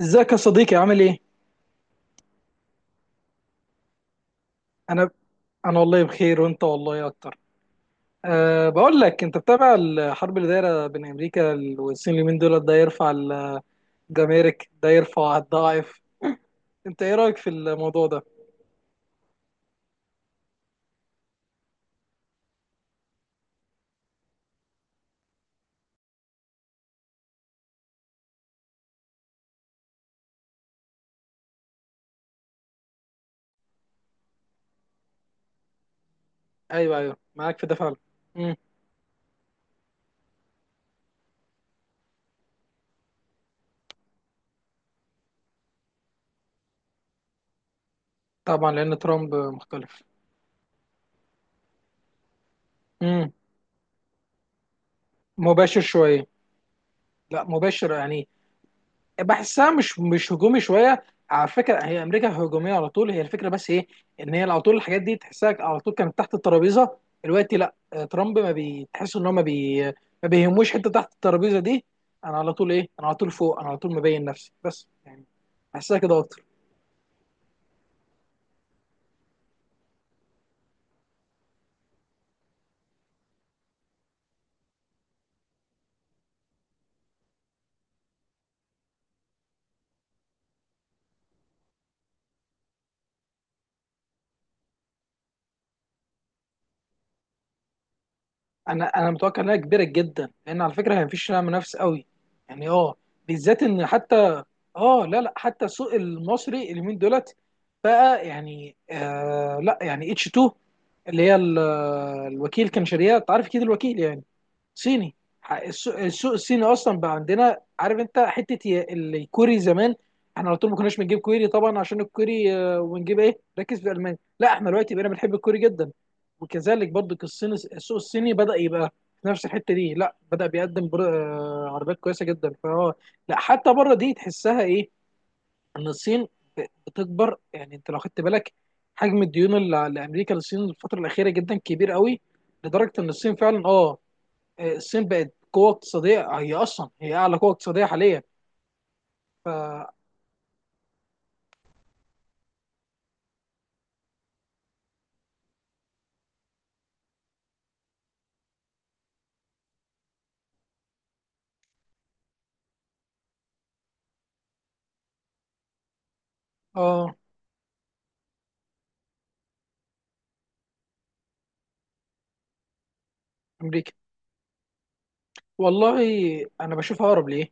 ازيك يا صديقي، عامل ايه؟ انا انا والله بخير، وانت والله اكتر. بقول لك، انت بتابع الحرب اللي دايره بين امريكا والصين اليومين دول؟ ده يرفع الجمارك، ده يرفع الضعف. انت ايه رايك في الموضوع ده؟ ايوه ايوه، معاك في ده فعلا. مم. طبعا لان ترامب مختلف. مم. مباشر شويه. لا مباشر يعني، بحسها مش هجومي شويه. على فكره هي امريكا هجوميه على طول، هي الفكره بس ايه؟ ان هي على طول الحاجات دي تحسها على طول كانت تحت الترابيزه. دلوقتي لا، ترامب ما بيتحس ان هو ما بي، ما بيهموش حته تحت الترابيزه دي. انا على طول ايه؟ انا على طول فوق، انا على طول مبين نفسي بس يعني، بحسها كده اكتر. انا متوقع انها كبيره جدا، لان على فكره هي مفيش لها منافس قوي يعني بالذات ان حتى اه لا لا حتى السوق المصري اليومين دولت بقى يعني، لا يعني اتش 2، اللي هي الوكيل كان شاريها، انت عارف كده الوكيل يعني صيني. السوق الصيني اصلا بقى عندنا، عارف انت حته الكوري زمان، احنا على طول ما كناش بنجيب كوري طبعا، عشان الكوري ونجيب ايه؟ ركز في المانيا. لا احنا دلوقتي بقينا بنحب الكوري جدا. وكذلك برضو الصين، السوق الصيني بدا يبقى في نفس الحته دي، لا بدا بيقدم عربيات كويسه جدا، فهو لا حتى بره دي تحسها ايه؟ ان الصين بتكبر يعني. انت لو خدت بالك حجم الديون اللي لامريكا للصين الفتره الاخيره جدا كبير قوي، لدرجه ان الصين فعلا الصين بقت قوه اقتصاديه، هي اصلا هي اعلى قوه اقتصاديه حاليا. فا اه امريكا، والله انا بشوفها اقرب ليه.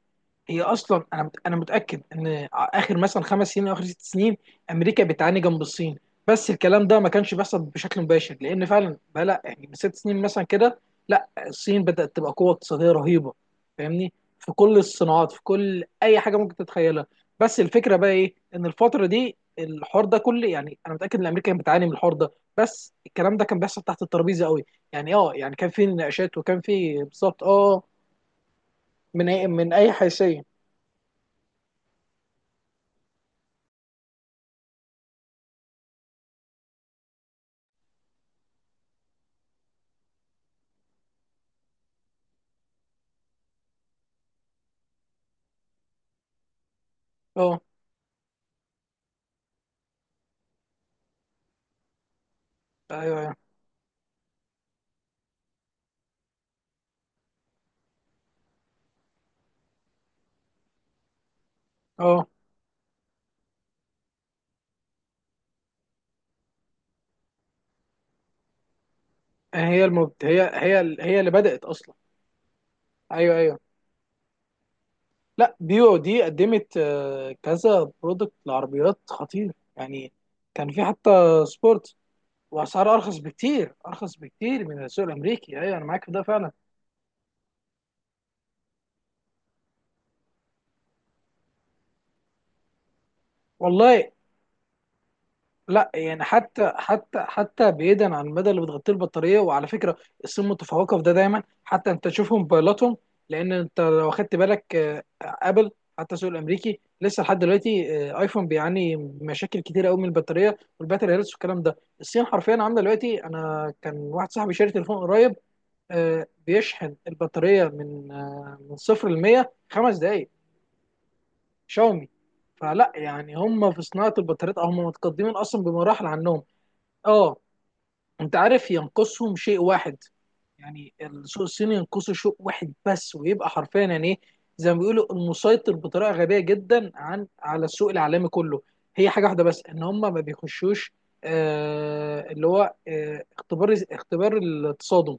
هي اصلا انا انا متاكد ان اخر مثلا 5 سنين او اخر 6 سنين امريكا بتعاني جنب الصين، بس الكلام ده ما كانش بيحصل بشكل مباشر. لان فعلا بقى لا يعني من 6 سنين مثلا كده، لا الصين بدات تبقى قوه اقتصاديه رهيبه، فاهمني؟ في كل الصناعات، في كل اي حاجه ممكن تتخيلها. بس الفكره بقى ايه؟ ان الفتره دي الحوار ده كل، يعني انا متاكد ان امريكا كانت بتعاني من الحوار ده، بس الكلام ده كان بيحصل تحت الترابيزه قوي. يعني يعني كان في نقاشات، وكان في بالظبط من أي حيثية؟ أه أيوه أيوه. أه هي المبت... هي هي ال- هي اللي بدأت أصلا. أيوه أيوه. لا بيو دي قدمت كذا برودكت لعربيات خطير يعني، كان في حتى سبورت، وأسعار أرخص بكتير أرخص بكتير من السوق الأمريكي. أيوه أنا معاك في ده فعلا. والله لا يعني حتى بعيدا عن المدى اللي بتغطيه البطاريه، وعلى فكره الصين متفوقه في ده دايما. حتى انت تشوف موبايلاتهم، لان انت لو خدت بالك ابل، حتى السوق الامريكي لسه لحد دلوقتي ايفون بيعاني مشاكل كتير قوي من البطاريه والباتري هيلث والكلام ده. الصين حرفيا عامله دلوقتي، انا كان واحد صاحبي شاري تليفون قريب بيشحن البطاريه من من 0 ل 100 5 دقائق. شاومي. فلا يعني هم في صناعه البطاريات، او هم متقدمين اصلا بمراحل عنهم. اه، انت عارف ينقصهم شيء واحد؟ يعني السوق الصيني ينقصه شيء واحد بس، ويبقى حرفيا يعني ايه، زي ما بيقولوا، المسيطر بطريقه غبيه جدا عن على السوق العالمي كله. هي حاجه واحده بس، ان هم ما بيخشوش اللي هو اختبار التصادم.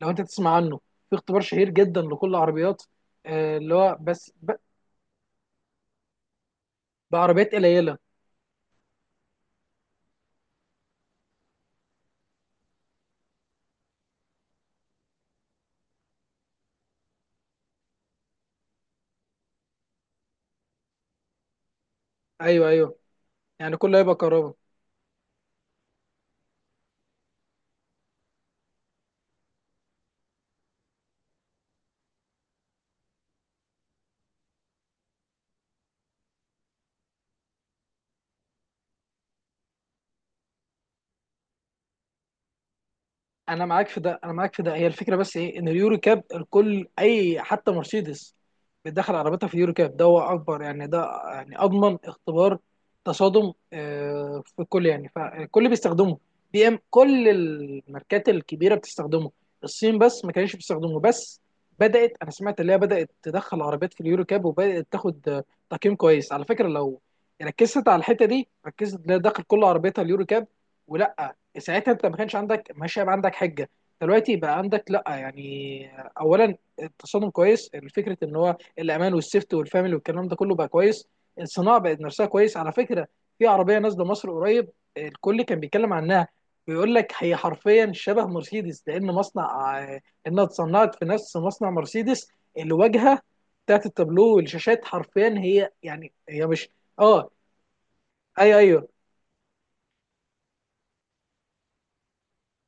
لو انت تسمع عنه، في اختبار شهير جدا لكل العربيات، اللي هو بس بعربيات قليله. ايوه ايوه، يعني كله هيبقى كهرباء. انا معاك في ده، انا معاك في ده. هي الفكره بس ايه؟ ان اليورو كاب الكل اي، حتى مرسيدس بتدخل عربيتها في اليورو كاب، ده هو اكبر يعني، ده يعني اضمن اختبار تصادم في الكل يعني، فالكل بيستخدمه. بي ام، كل الماركات الكبيره بتستخدمه، الصين بس ما كانش بيستخدمه. بس بدات، انا سمعت اللي هي بدات تدخل عربيات في اليورو كاب، وبدات تاخد تقييم كويس. على فكره لو ركزت على الحته دي، ركزت تلاقي داخل كل عربيتها اليورو كاب ولا؟ ساعتها انت ما كانش عندك ماشي، هيبقى عندك حجه. دلوقتي بقى عندك لا يعني. اولا، التصادم كويس، الفكره ان هو الامان والسيفت والفاميلي والكلام ده كله بقى كويس. الصناعه بقت نفسها كويس. على فكره في عربيه نازله مصر قريب، الكل كان بيتكلم عنها، بيقول لك هي حرفيا شبه مرسيدس، لان مصنع انها اتصنعت في نفس مصنع مرسيدس. الواجهه بتاعت التابلو والشاشات حرفيا هي يعني هي مش. اه، ايوه ايوه،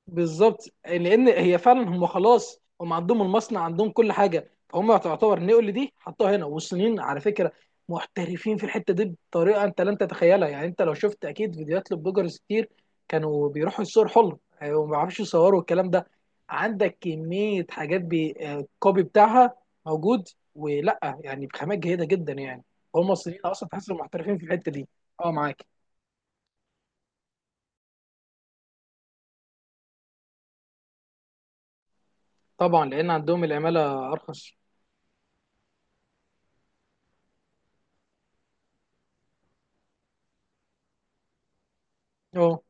بالظبط. لان هي فعلا، هم خلاص، هم عندهم المصنع، عندهم كل حاجه، فهم تعتبر نقل دي حطوها هنا. والصينيين على فكره محترفين في الحته دي بطريقه انت لن تتخيلها. يعني انت لو شفت اكيد فيديوهات لبلوجرز كتير، كانوا بيروحوا الصور حلو وما بيعرفوش يصوروا الكلام ده. عندك كميه حاجات بالكوبي بتاعها موجود، ولا يعني بخامات جيده جدا يعني. هم الصينيين اصلا تحسهم محترفين في الحته دي. اه، معاك. طبعا لان عندهم العماله ارخص. اه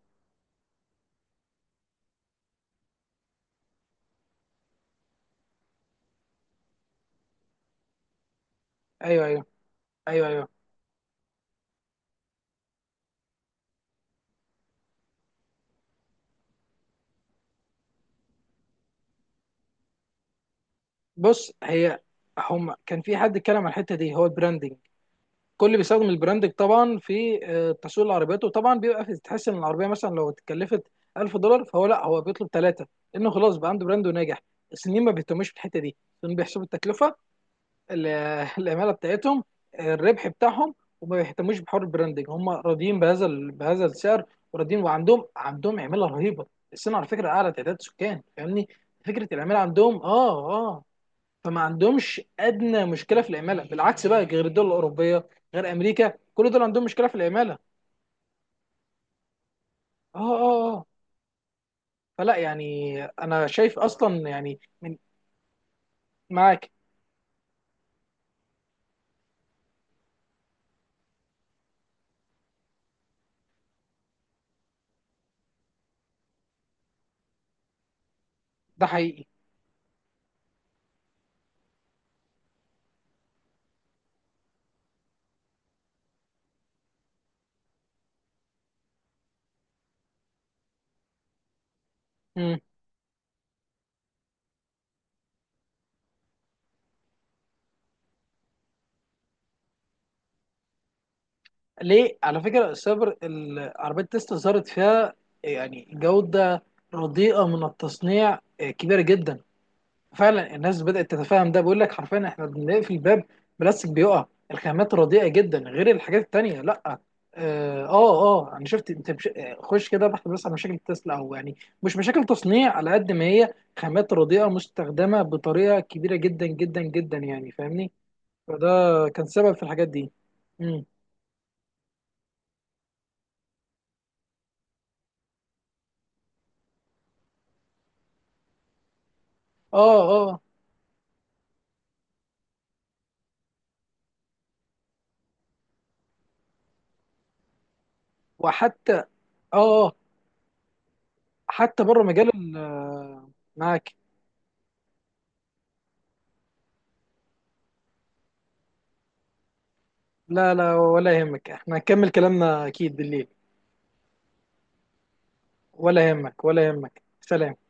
ايوه ايوه ايوه ايوه. بص، هي، هم كان في حد اتكلم عن الحته دي، هو البراندنج. كل بيستخدم البراندنج طبعا في تسويق العربيات، وطبعا بيبقى في، تحس ان العربيه مثلا لو اتكلفت 1000 دولار، فهو لا، هو بيطلب 3، لانه خلاص بقى عنده براند وناجح. الصينيين ما بيهتموش بالحته دي، لان بيحسبوا التكلفه، ال- العماله بتاعتهم، الربح بتاعهم، وما بيهتموش بحوار البراندنج. هم راضيين بهذا السعر، وراضيين، وعندهم عماله رهيبه. الصين على فكره اعلى تعداد سكان، فاهمني؟ فكره العماله عندهم فما عندهمش ادنى مشكله في العماله، بالعكس بقى غير الدول الاوروبيه، غير امريكا، كل دول عندهم مشكله في العماله. اه اه اه. فلا يعني انا شايف اصلا يعني من معاك. ده حقيقي. مم. ليه، على فكره السايبر، عربيه تسلا ظهرت فيها يعني جوده رديئه من التصنيع كبيره جدا. فعلا الناس بدأت تتفاهم. ده بيقول لك حرفيا احنا بنقفل الباب، بلاستيك بيقع. الخامات رديئة جدا، غير الحاجات التانية. لا اه، انا شفت، انت خش كده بحث بس عن مشاكل تسلا، او يعني مش مشاكل تصنيع على قد ما هي خامات رديئة مستخدمة بطريقة كبيرة جدا جدا جدا يعني، فاهمني؟ فده كان سبب في الحاجات دي. امم. اه اه. وحتى اه آه، حتى بره مجال معاك. لا لا، ولا يهمك، احنا هنكمل كلامنا اكيد بالليل. ولا يهمك، ولا يهمك، سلام.